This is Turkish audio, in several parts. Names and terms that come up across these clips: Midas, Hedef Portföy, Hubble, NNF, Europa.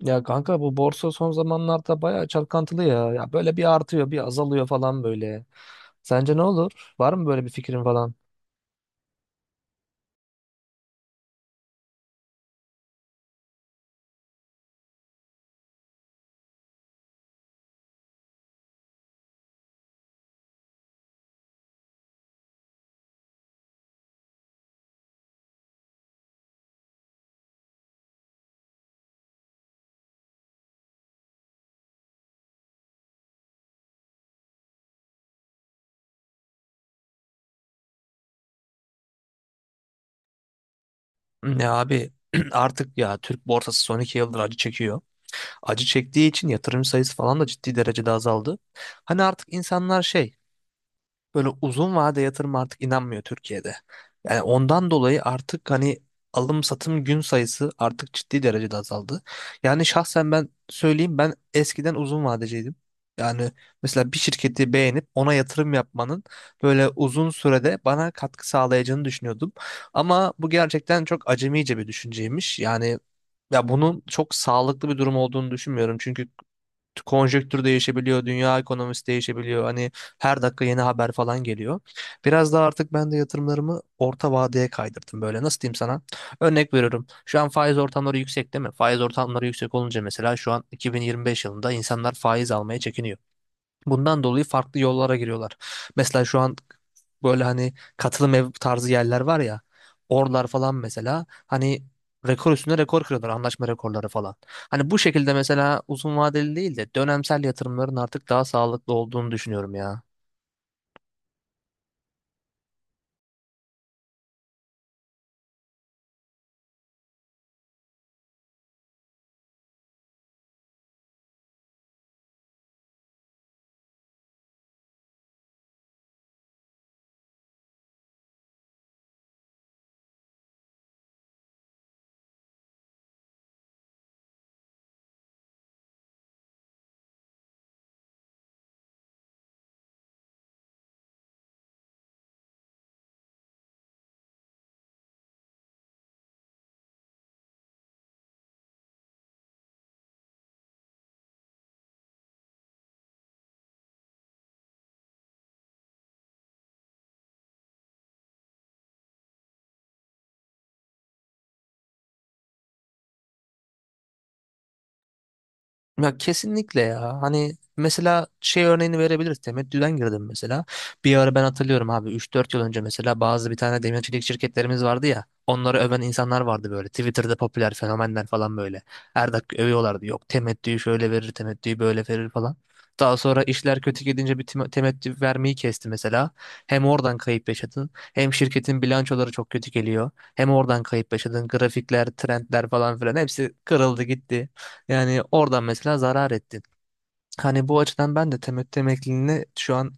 Ya kanka bu borsa son zamanlarda bayağı çalkantılı ya. Ya böyle bir artıyor, bir azalıyor falan böyle. Sence ne olur? Var mı böyle bir fikrin falan? Ya abi artık ya Türk borsası son iki yıldır acı çekiyor. Acı çektiği için yatırım sayısı falan da ciddi derecede azaldı. Hani artık insanlar şey böyle uzun vade yatırım artık inanmıyor Türkiye'de. Yani ondan dolayı artık hani alım satım gün sayısı artık ciddi derecede azaldı. Yani şahsen ben söyleyeyim ben eskiden uzun vadeciydim. Yani mesela bir şirketi beğenip ona yatırım yapmanın böyle uzun sürede bana katkı sağlayacağını düşünüyordum. Ama bu gerçekten çok acemice bir düşünceymiş. Yani ya bunun çok sağlıklı bir durum olduğunu düşünmüyorum. Çünkü konjektür değişebiliyor, dünya ekonomisi değişebiliyor. Hani her dakika yeni haber falan geliyor. Biraz daha artık ben de yatırımlarımı orta vadeye kaydırdım böyle. Nasıl diyeyim sana? Örnek veriyorum. Şu an faiz ortamları yüksek değil mi? Faiz ortamları yüksek olunca mesela şu an 2025 yılında insanlar faiz almaya çekiniyor. Bundan dolayı farklı yollara giriyorlar. Mesela şu an böyle hani katılım ev tarzı yerler var ya. Oralar falan mesela hani rekor üstüne rekor kırıyorlar anlaşma rekorları falan. Hani bu şekilde mesela uzun vadeli değil de dönemsel yatırımların artık daha sağlıklı olduğunu düşünüyorum ya. Ya kesinlikle ya. Hani mesela şey örneğini verebiliriz. Temettüden girdim mesela. Bir ara ben hatırlıyorum abi üç dört yıl önce mesela bazı bir tane demir şirketlerimiz vardı ya. Onları öven insanlar vardı böyle. Twitter'da popüler fenomenler falan böyle. Her dakika övüyorlardı. Yok temettüyü şöyle verir, temettüyü böyle verir falan. Daha sonra işler kötü gidince temettü vermeyi kesti mesela. Hem oradan kayıp yaşadın, hem şirketin bilançoları çok kötü geliyor. Hem oradan kayıp yaşadın, grafikler, trendler falan filan hepsi kırıldı gitti. Yani oradan mesela zarar ettin. Hani bu açıdan ben de temettü emekliliğini şu an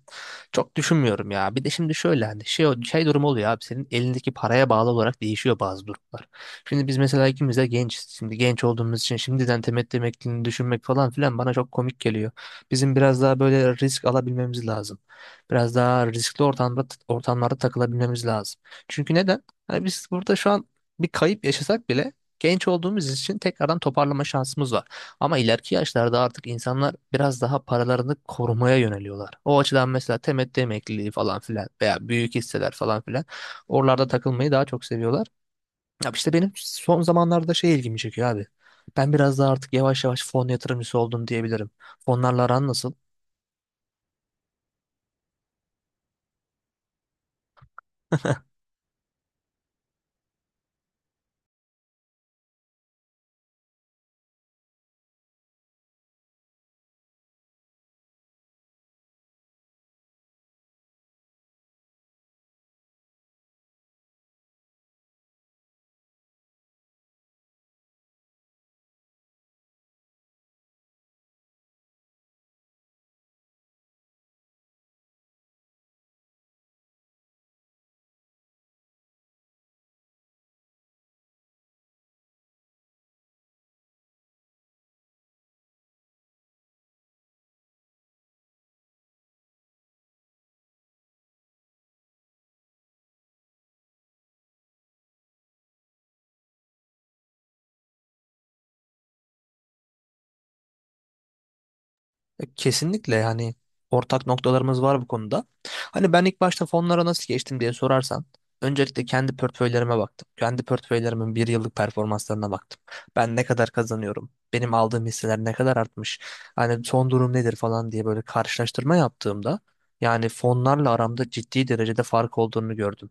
çok düşünmüyorum ya. Bir de şimdi şöyle hani şey durum oluyor abi senin elindeki paraya bağlı olarak değişiyor bazı durumlar. Şimdi biz mesela ikimiz de gençiz. Şimdi genç olduğumuz için şimdiden temettü emekliliğini düşünmek falan filan bana çok komik geliyor. Bizim biraz daha böyle risk alabilmemiz lazım. Biraz daha riskli ortamlarda takılabilmemiz lazım. Çünkü neden? Hani biz burada şu an bir kayıp yaşasak bile genç olduğumuz için tekrardan toparlama şansımız var. Ama ileriki yaşlarda artık insanlar biraz daha paralarını korumaya yöneliyorlar. O açıdan mesela temettü emekliliği falan filan veya büyük hisseler falan filan oralarda takılmayı daha çok seviyorlar. Ya işte benim son zamanlarda şey ilgimi çekiyor abi. Ben biraz daha artık yavaş yavaş fon yatırımcısı oldum diyebilirim. Fonlarla aran nasıl? Kesinlikle yani ortak noktalarımız var bu konuda. Hani ben ilk başta fonlara nasıl geçtim diye sorarsan öncelikle kendi portföylerime baktım. Kendi portföylerimin bir yıllık performanslarına baktım. Ben ne kadar kazanıyorum? Benim aldığım hisseler ne kadar artmış? Hani son durum nedir falan diye böyle karşılaştırma yaptığımda yani fonlarla aramda ciddi derecede fark olduğunu gördüm.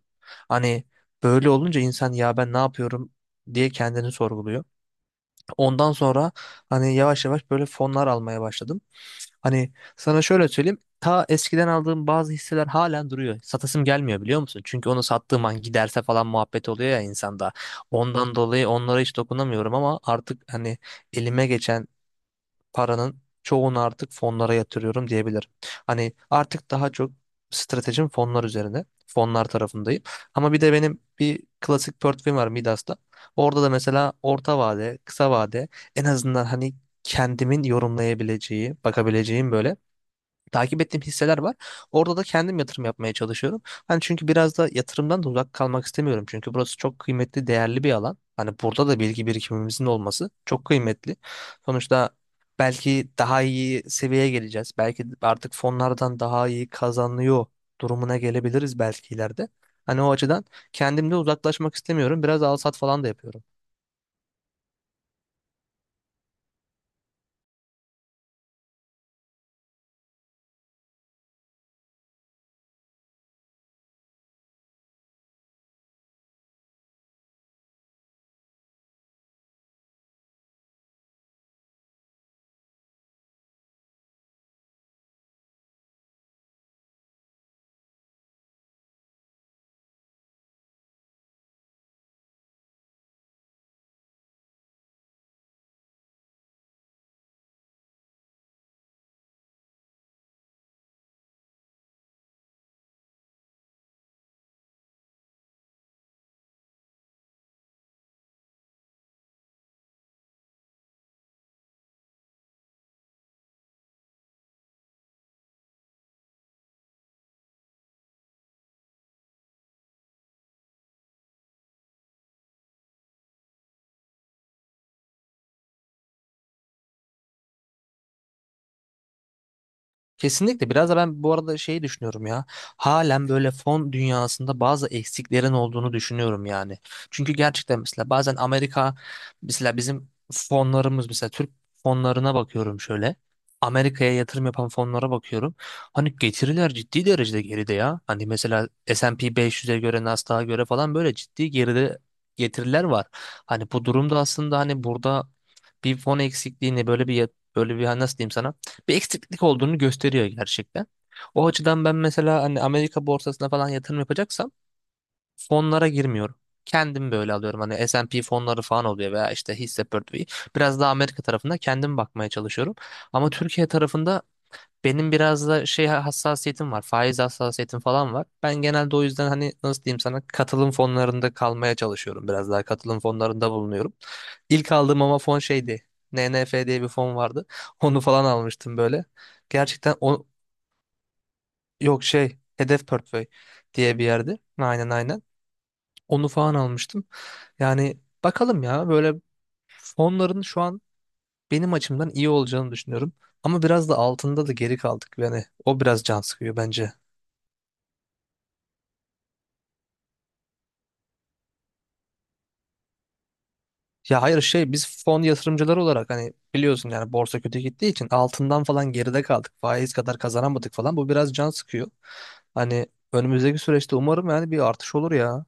Hani böyle olunca insan ya ben ne yapıyorum diye kendini sorguluyor. Ondan sonra hani yavaş yavaş böyle fonlar almaya başladım. Hani sana şöyle söyleyeyim. Ta eskiden aldığım bazı hisseler halen duruyor. Satasım gelmiyor biliyor musun? Çünkü onu sattığım an giderse falan muhabbet oluyor ya insanda. Ondan dolayı onlara hiç dokunamıyorum ama artık hani elime geçen paranın çoğunu artık fonlara yatırıyorum diyebilirim. Hani artık daha çok stratejim fonlar üzerine. Fonlar tarafındayım. Ama bir de benim bir klasik portföyüm var Midas'ta. Orada da mesela orta vade, kısa vade en azından hani kendimin yorumlayabileceği, bakabileceğim böyle takip ettiğim hisseler var. Orada da kendim yatırım yapmaya çalışıyorum. Hani çünkü biraz da yatırımdan da uzak kalmak istemiyorum. Çünkü burası çok kıymetli, değerli bir alan. Hani burada da bilgi birikimimizin olması çok kıymetli. Sonuçta belki daha iyi seviyeye geleceğiz. Belki artık fonlardan daha iyi kazanıyor durumuna gelebiliriz belki ileride. Hani o açıdan kendimde uzaklaşmak istemiyorum. Biraz al sat falan da yapıyorum. Kesinlikle. Biraz da ben bu arada şey düşünüyorum ya. Halen böyle fon dünyasında bazı eksiklerin olduğunu düşünüyorum yani. Çünkü gerçekten mesela bazen Amerika mesela bizim fonlarımız mesela Türk fonlarına bakıyorum şöyle. Amerika'ya yatırım yapan fonlara bakıyorum. Hani getiriler ciddi derecede geride ya. Hani mesela S&P 500'e göre Nasdaq'a göre falan böyle ciddi geride getiriler var. Hani bu durumda aslında hani burada bir fon eksikliğini böyle bir hani nasıl diyeyim sana bir eksiklik olduğunu gösteriyor gerçekten. O açıdan ben mesela hani Amerika borsasına falan yatırım yapacaksam fonlara girmiyorum. Kendim böyle alıyorum. Hani S&P fonları falan oluyor veya işte hisse portföyü. Biraz daha Amerika tarafında kendim bakmaya çalışıyorum. Ama Türkiye tarafında benim biraz da şey hassasiyetim var. Faiz hassasiyetim falan var. Ben genelde o yüzden hani nasıl diyeyim sana katılım fonlarında kalmaya çalışıyorum. Biraz daha katılım fonlarında bulunuyorum. İlk aldığım ama fon şeydi. NNF diye bir fon vardı. Onu falan almıştım böyle. Gerçekten o yok şey Hedef Portföy diye bir yerde. Aynen aynen. Onu falan almıştım. Yani bakalım ya böyle fonların şu an benim açımdan iyi olacağını düşünüyorum. Ama biraz da altında da geri kaldık. Yani o biraz can sıkıyor bence. Ya hayır şey biz fon yatırımcıları olarak hani biliyorsun yani borsa kötü gittiği için altından falan geride kaldık. Faiz kadar kazanamadık falan. Bu biraz can sıkıyor. Hani önümüzdeki süreçte umarım yani bir artış olur ya.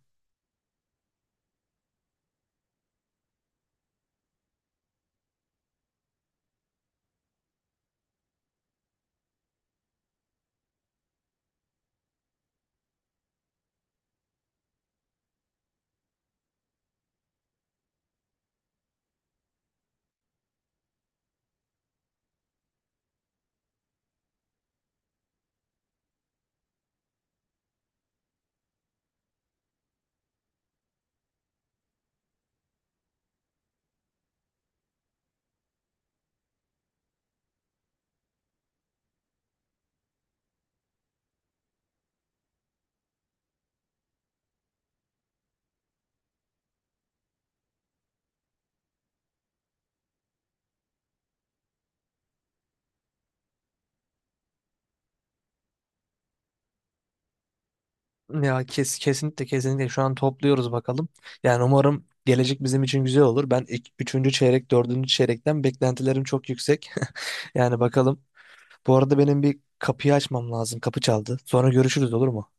Kesinlikle kesinlikle şu an topluyoruz bakalım. Yani umarım gelecek bizim için güzel olur. Ben üçüncü çeyrek, dördüncü çeyrekten beklentilerim çok yüksek. Yani bakalım. Bu arada benim bir kapıyı açmam lazım. Kapı çaldı. Sonra görüşürüz olur mu?